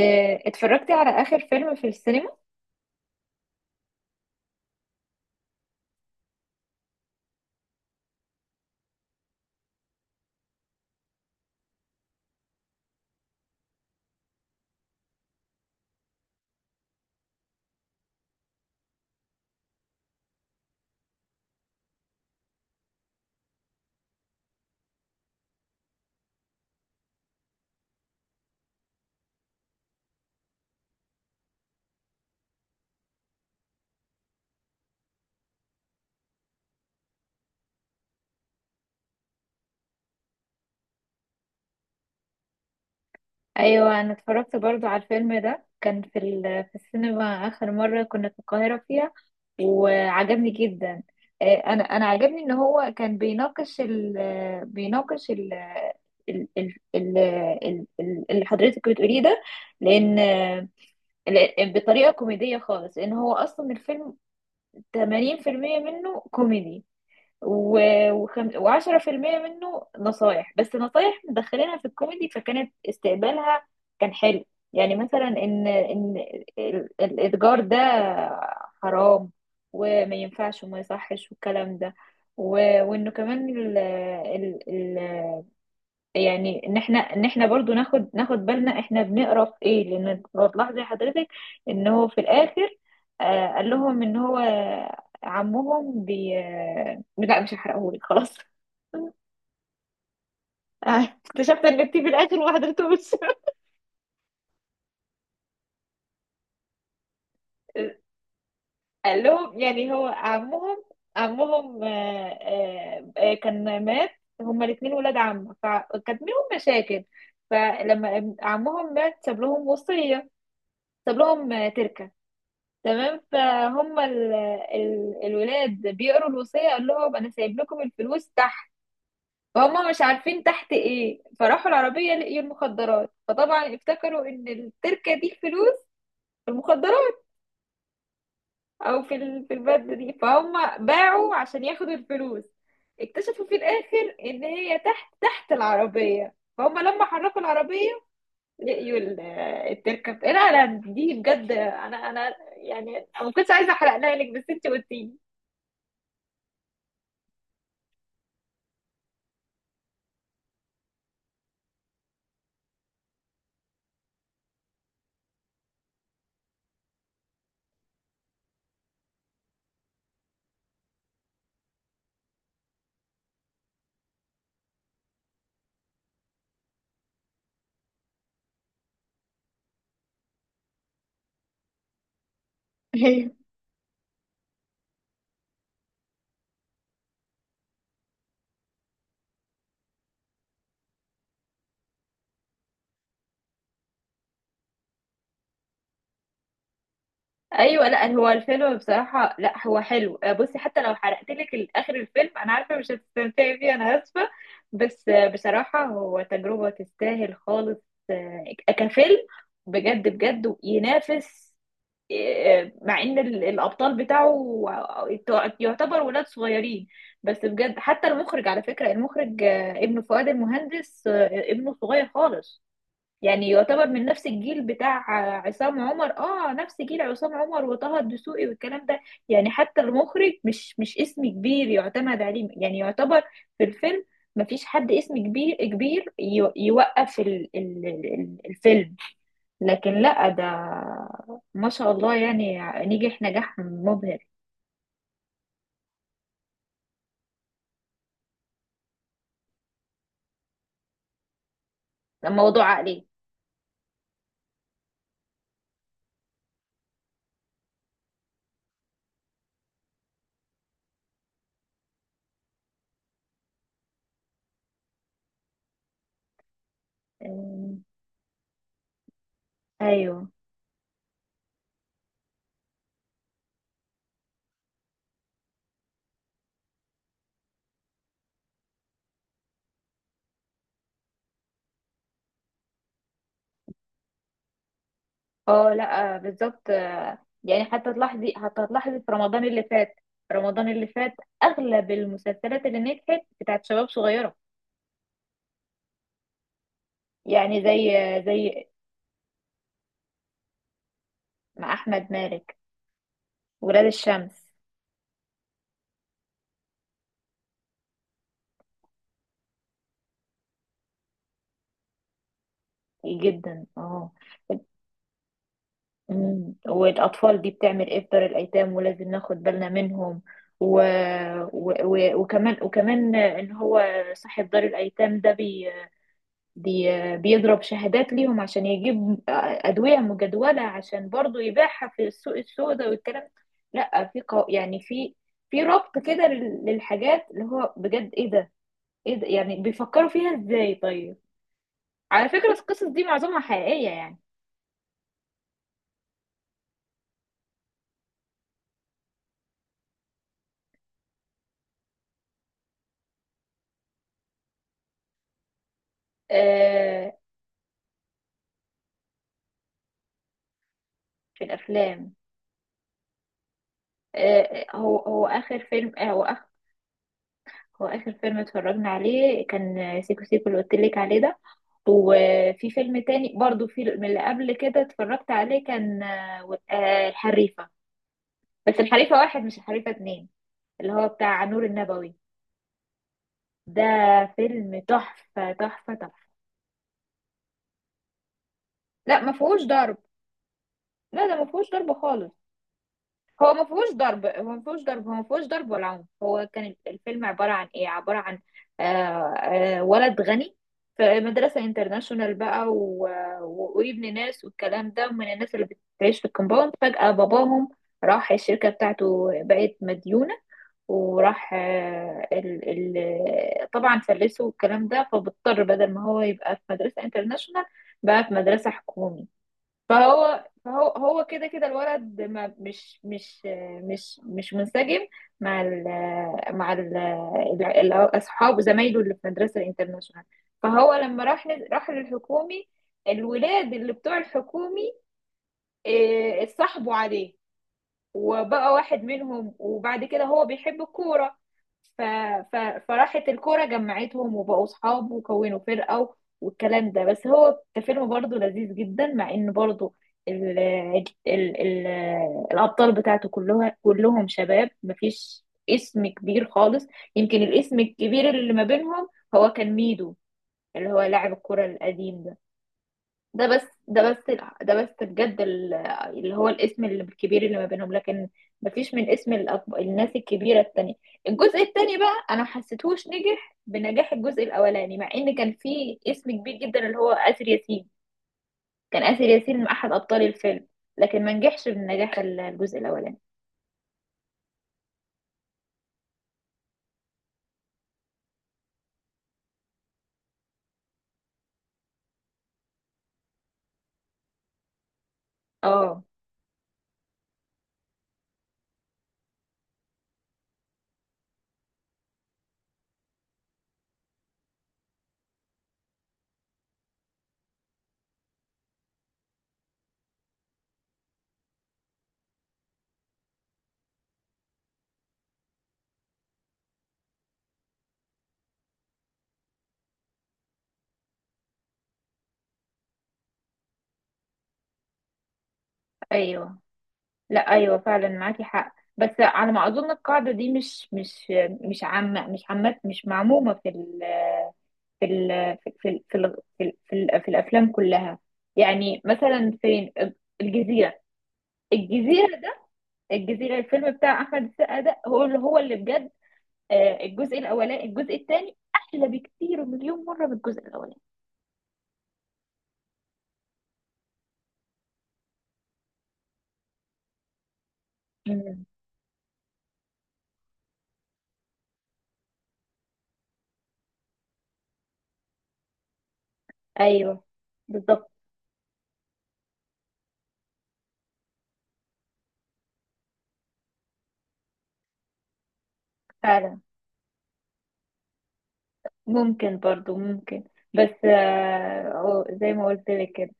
اتفرجتي على آخر فيلم في السينما؟ أيوة، أنا اتفرجت برضو على الفيلم ده، كان في السينما آخر مرة كنا في القاهرة فيها، وعجبني جدا. أنا عجبني إن هو كان بيناقش اللي حضرتك بتقوليه ده، لأن آه، بطريقة كوميدية خالص، لأن هو أصلا الفيلم 80% منه كوميدي، وعشرة في المية منه نصايح، بس نصايح مدخلينها في الكوميدي، فكانت استقبالها كان حلو. يعني مثلا ان الاتجار ده حرام، وما ينفعش وما يصحش والكلام ده، و... وانه كمان ال... ال... ال... يعني ان احنا برضو ناخد بالنا، احنا بنقرا في ايه، لان لو تلاحظي حضرتك ان هو في الاخر، قال لهم ان هو عمهم، بي آه، لا، مش هحرقهولك خلاص. آه، اكتشفت ان انت في الاخر ما حضرتوش. قال لهم، يعني هو عمهم كان مات. هما الاثنين ولاد عم، فكانت منهم مشاكل. فلما عمهم مات، ساب لهم وصية، ساب لهم تركة. تمام، فهم الولاد بيقروا الوصية. قال لهم أنا سايب لكم الفلوس تحت، فهم مش عارفين تحت إيه، فراحوا العربية لقيوا المخدرات، فطبعا افتكروا إن التركة دي فلوس في المخدرات، أو في البلد دي. فهم باعوا عشان ياخدوا الفلوس، اكتشفوا في الآخر إن هي تحت العربية، فهم لما حركوا العربية لقيوا التركة. لا لا، دي بجد، أنا يعني أنا ما كنتش عايزة أحرقها لك، بس أنت قلتيلي. ايوه، لا هو الفيلم بصراحه، لا هو حلو. بصي، حتى لو حرقت لك اخر الفيلم انا عارفه مش هتستمتعي بيه، انا اسفه، بس بصراحه هو تجربه تستاهل خالص. كفيلم بجد بجد ينافس، مع ان الابطال بتاعه يعتبر ولاد صغيرين، بس بجد. حتى المخرج، على فكره المخرج ابن فؤاد المهندس، ابنه صغير خالص، يعني يعتبر من نفس الجيل بتاع عصام عمر. اه، نفس جيل عصام عمر وطه الدسوقي والكلام ده. يعني حتى المخرج مش اسم كبير يعتمد عليه، يعني يعتبر في الفيلم مفيش حد اسم كبير كبير يوقف الفيلم، لكن لا، ده ما شاء الله يعني نجح نجاح مبهر. ده موضوع عقلي. أمم، ايوه. اه، لا، بالظبط. يعني حتى تلاحظي، حتى تلاحظي في رمضان اللي فات، رمضان اللي فات اغلب المسلسلات اللي نجحت بتاعت شباب صغيره. يعني زي مع احمد مالك ولاد الشمس، جدا اه. والاطفال دي بتعمل ايه في دار الايتام، ولازم ناخد بالنا منهم، و... و... و... وكمان وكمان ان هو صاحب دار الايتام ده بيضرب شهادات ليهم عشان يجيب أدوية مجدولة، عشان برضو يبيعها في السوق السوداء والكلام. لا، يعني في ربط كده للحاجات، اللي هو بجد ايه ده، ايه ده، يعني بيفكروا فيها ازاي؟ طيب، على فكرة القصص دي معظمها حقيقية يعني. آه في الأفلام. آه هو هو آخر فيلم آه هو آخر هو آخر فيلم اتفرجنا عليه كان سيكو سيكو، اللي قلت لك عليه ده. وفي فيلم تاني برضو في من اللي قبل كده اتفرجت عليه، كان الحريفة، بس الحريفة واحد مش الحريفة اتنين، اللي هو بتاع نور النبوي ده. فيلم تحفة تحفة تحفة. لا ما فيهوش ضرب. لا ده ما فيهوش ضرب خالص. هو ما فيهوش ضرب، هو ما فيهوش ضرب، هو ما فيهوش ضرب ولا عنف. هو كان الفيلم عبارة عن ايه؟ عبارة عن ولد غني في مدرسة انترناشونال بقى، وابن ناس والكلام ده، ومن الناس اللي بتعيش في الكومباوند، فجأة باباهم راح الشركة بتاعته بقت مديونة، وراح طبعا فلسه والكلام ده. فبضطر بدل ما هو يبقى في مدرسة انترناشونال، بقى في مدرسة حكومي. فهو هو كده كده الولد ما مش مش مش مش منسجم مع ال مع اصحابه زمايله اللي في مدرسه الانترناشونال. فهو لما راح للحكومي، الولاد اللي بتوع الحكومي، إيه، اتصاحبوا عليه وبقى واحد منهم. وبعد كده هو بيحب الكورة، ف... ف... فراحت الكورة جمعتهم، وبقوا صحاب وكونوا فرقة والكلام ده. بس هو كفيلم برضه لذيذ جدا، مع ان برضه ال... ال... ال... الأبطال بتاعته كلهم شباب، مفيش اسم كبير خالص. يمكن الاسم الكبير اللي ما بينهم هو كان ميدو، اللي هو لاعب الكرة القديم ده. ده بس بجد اللي هو الاسم الكبير اللي ما بينهم، لكن مفيش من اسم الناس الكبيرة التانية. الجزء التاني بقى أنا محسيتهوش نجح بنجاح الجزء الأولاني، مع إن كان فيه اسم كبير جدا اللي هو آسر ياسين، كان آسر ياسين أحد أبطال الفيلم، لكن ما نجحش بنجاح الجزء الأولاني. اه، أيوه، لا أيوه فعلا معاكي حق، بس على ما أظن القاعدة دي مش عامة، مش معمومة في ال في, ال في, ال في الافلام كلها. يعني مثلا، فين الجزيره؟ الجزيره ده، الجزيره الفيلم بتاع احمد السقا ده، هو اللي بجد، الجزء الاولاني الجزء الثاني احلى بكتير مليون مره من الجزء الاولاني. مم. ايوه، بالظبط. فعلا ممكن برضو ممكن. بس أو زي ما قلت لك كده.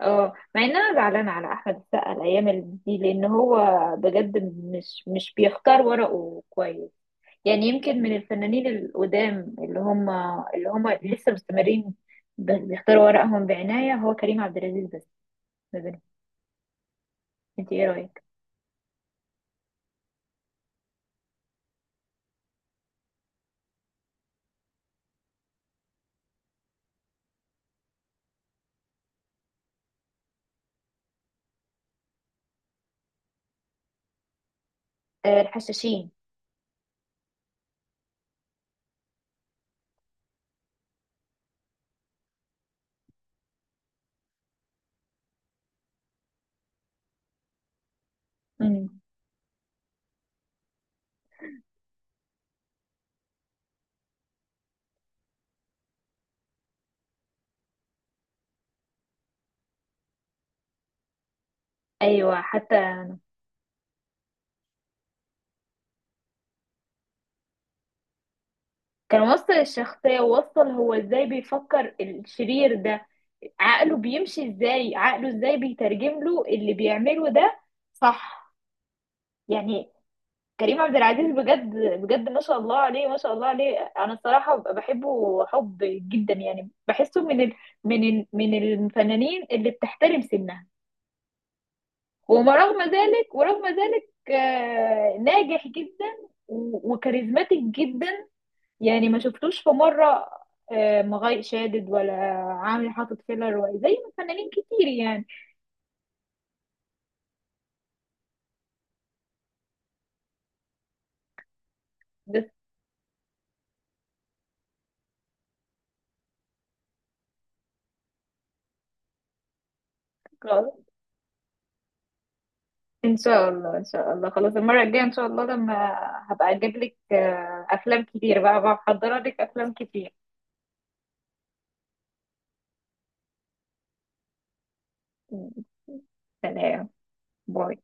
اه، مع ان انا زعلانه على احمد السقا الايام دي، لان هو بجد مش بيختار ورقه كويس. يعني يمكن من الفنانين القدام اللي هم لسه مستمرين، بيختاروا ورقهم بعناية، هو كريم عبد العزيز بس ما بينهم. انت ايه رأيك؟ آه، الحشاشين. امم ايوه حتى. كان وصل الشخصية، ووصل هو ازاي بيفكر الشرير ده، عقله بيمشي ازاي، عقله ازاي بيترجم له اللي بيعمله ده. صح. يعني كريم عبد العزيز بجد، بجد ما شاء الله عليه، ما شاء الله عليه. انا الصراحه بحبه حب جدا، يعني بحسه من ال من الفنانين اللي بتحترم سنها، وما رغم ذلك ورغم ذلك ناجح جدا، وكاريزماتيك جدا، يعني ما شفتوش في مره مغاي شادد، ولا عامل حاطط فيلر، زي ما فنانين كتير يعني. بس ان شاء الله، ان شاء الله، خلاص، المره الجايه ان شاء الله لما هبقى اجيب لك افلام كتير، بقى بحضر لك افلام كتير. سلام. باي.